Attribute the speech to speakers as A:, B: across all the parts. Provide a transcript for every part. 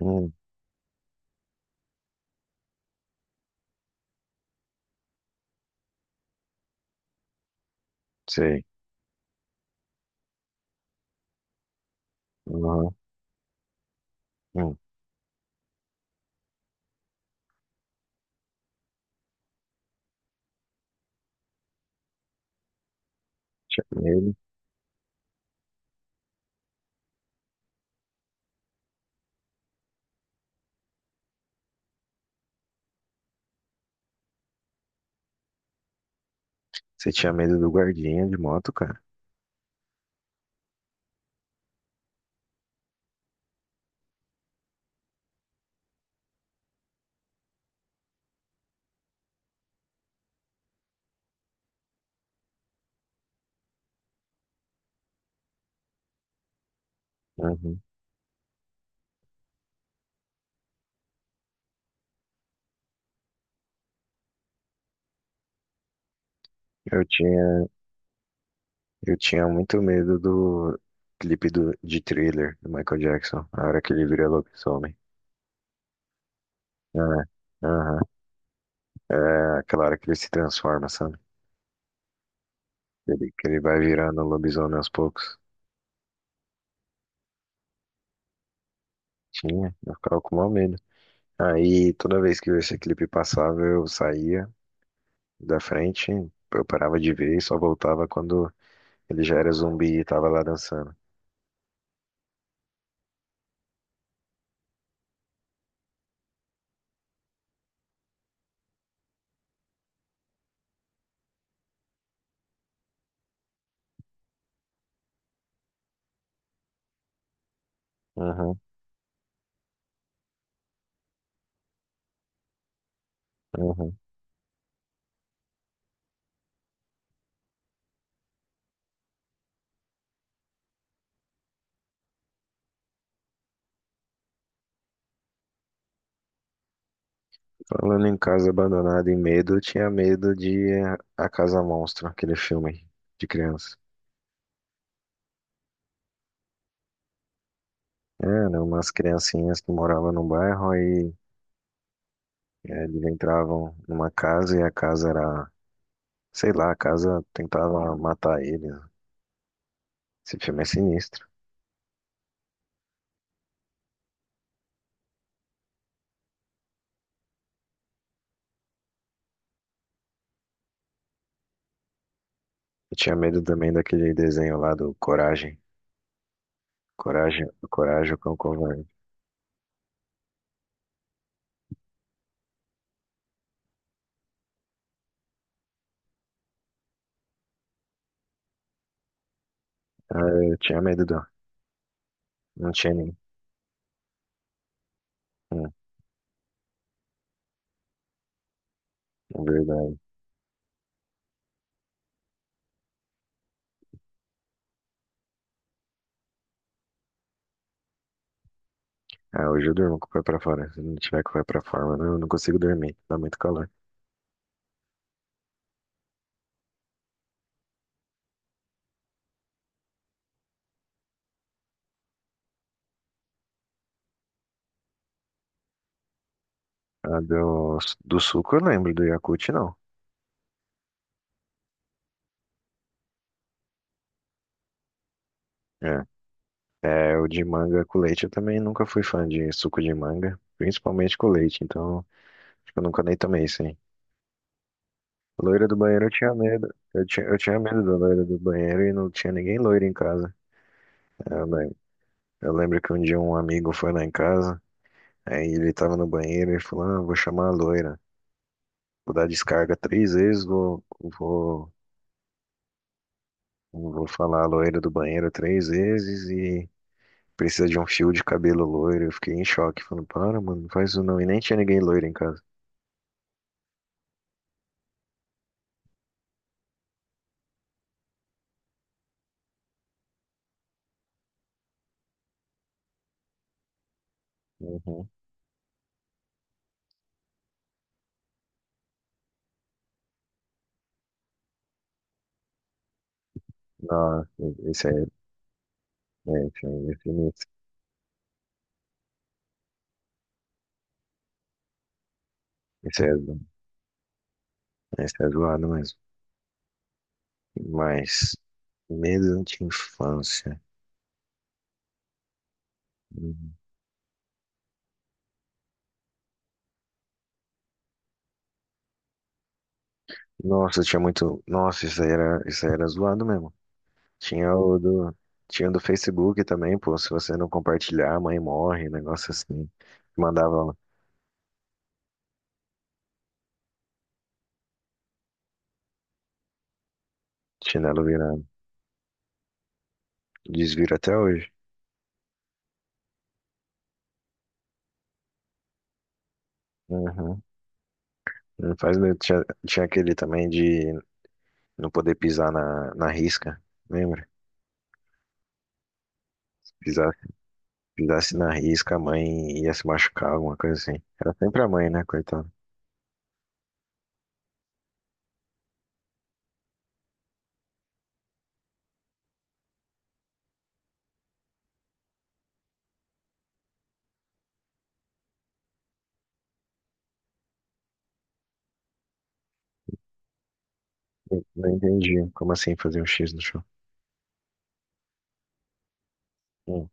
A: Hum, sei. Uhum. Hum, tinha medo. Você tinha medo do guardinha de moto, cara? Uhum. Eu tinha, eu tinha muito medo do clipe de Thriller, do Michael Jackson, a hora que ele vira lobisomem. É, aham. É aquela hora que ele se transforma, sabe? Ele, que ele vai virando lobisomem aos poucos. Tinha, eu ficava com mau medo. Aí toda vez que esse clipe passava, eu saía da frente, eu parava de ver e só voltava quando ele já era zumbi e tava lá dançando. Uhum, uhum. Falando em casa abandonada e medo, eu tinha medo de A Casa Monstro, aquele filme de criança. Era umas criancinhas que moravam num bairro, aí eles entravam numa casa e a casa era, sei lá, a casa tentava matar eles. Esse filme é sinistro. Eu tinha medo também daquele desenho lá do Coragem. Coragem, Coragem, o Cão Covarde. Ah, eu tinha medo do. Não tinha nem. Hum, é verdade. Ah, hoje eu durmo com o pé pra fora. Se não tiver com o pé pra fora, mano, eu não, consigo dormir. Dá muito calor. Ah, do suco eu lembro, do Yakult não. É. É, o de manga com leite eu também nunca fui fã de suco de manga, principalmente com leite, então acho que eu nunca nem tomei isso, hein. Loira do banheiro eu tinha medo. Eu tinha medo da loira do banheiro e não tinha ninguém loira em casa. É, eu lembro que um dia um amigo foi lá em casa, aí ele tava no banheiro e falou: ah, vou chamar a loira. Vou dar descarga 3 vezes, vou, Não vou falar a loira do banheiro 3 vezes e precisa de um fio de cabelo loiro. Eu fiquei em choque, falando, para, mano, não faz isso não. E nem tinha ninguém loiro em casa. Uhum. Nossa, esse é, é, esse esse é, zo- esse é zoado mesmo. Mas, medo de infância. Uhum. Nossa, tinha muito. Nossa, isso aí era zoado mesmo. Tinha o do. Tinha o do Facebook também, pô. Se você não compartilhar, a mãe morre, um negócio assim. Mandava chinelo virado. Desviro até hoje. Uhum. Não faz medo. Tinha aquele também de não poder pisar na risca, lembra? Pisar, pisasse na risca, a mãe ia se machucar, alguma coisa assim. Era sempre a mãe, né, coitada? Eu não entendi. Como assim fazer um X no chão? Hum,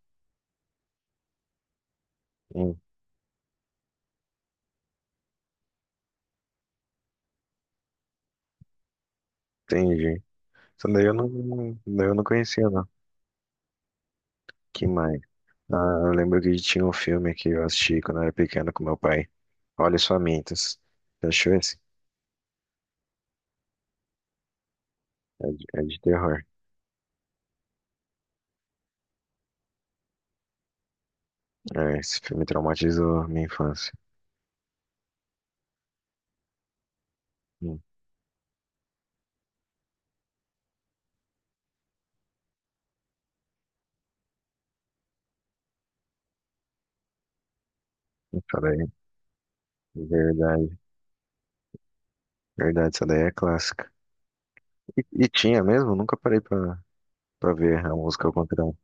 A: hum, entendi. Isso daí eu daí eu não conhecia, não. Que mais? Ah, eu lembro que tinha um filme que eu assisti quando eu era pequeno com meu pai. Olhos Famintos. Você achou esse? É é de terror. É, esse filme traumatizou minha infância. Hum, Essa daí, é verdade, verdade, essa daí é clássica. E tinha mesmo, nunca parei pra ver a música ao contrário. O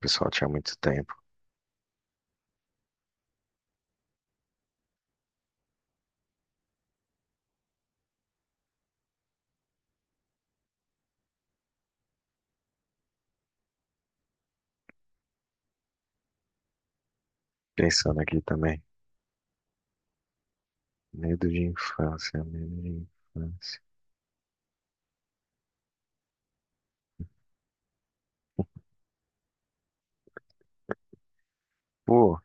A: pessoal tinha muito tempo. Pensando aqui também. Medo de infância, medo de infância. Pô,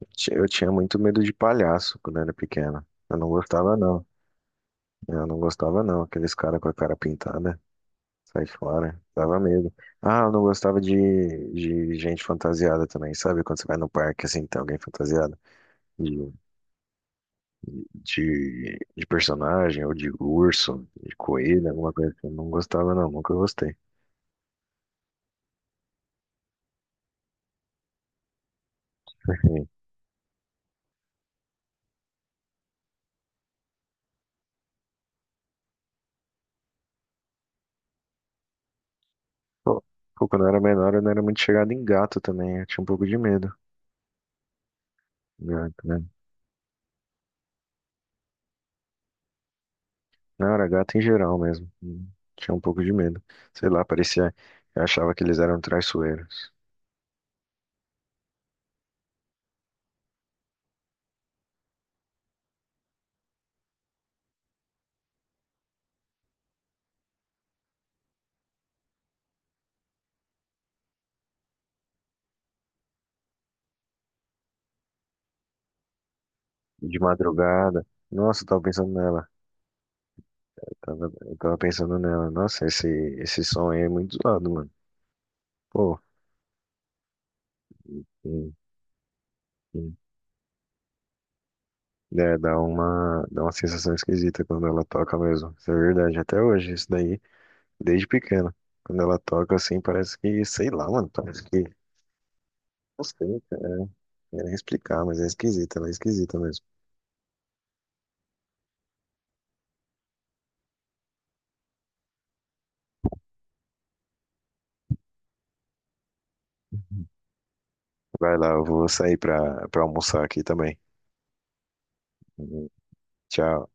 A: eu tinha muito medo de palhaço quando era pequena. Eu não gostava, não. Eu não gostava, não. Aqueles caras com a cara pintada, sai fora. Dava medo. Ah, eu não gostava de gente fantasiada também, sabe? Quando você vai no parque, assim, tem alguém fantasiado. De de personagem, ou de urso, de coelho, alguma coisa que eu não gostava, não, nunca gostei. Enfim, Pô, pô, quando eu era menor, eu não era muito chegado em gato também, eu tinha um pouco de medo. Gato, né? Não, era gato em geral mesmo. Hum, tinha um pouco de medo. Sei lá, parecia. Eu achava que eles eram traiçoeiros. De madrugada. Nossa, eu tava pensando nela. Eu tava pensando nela. Nossa, esse som aí é muito zoado, mano. Pô, hum, hum. É, dá dá uma sensação esquisita quando ela toca mesmo. Isso é verdade, até hoje, isso daí, desde pequeno. Quando ela toca assim, parece que, sei lá, mano, parece que. Não sei, cara, é, é explicar, mas é esquisita, ela é esquisita mesmo. Vai lá, eu vou sair pra almoçar aqui também. Uhum, tchau.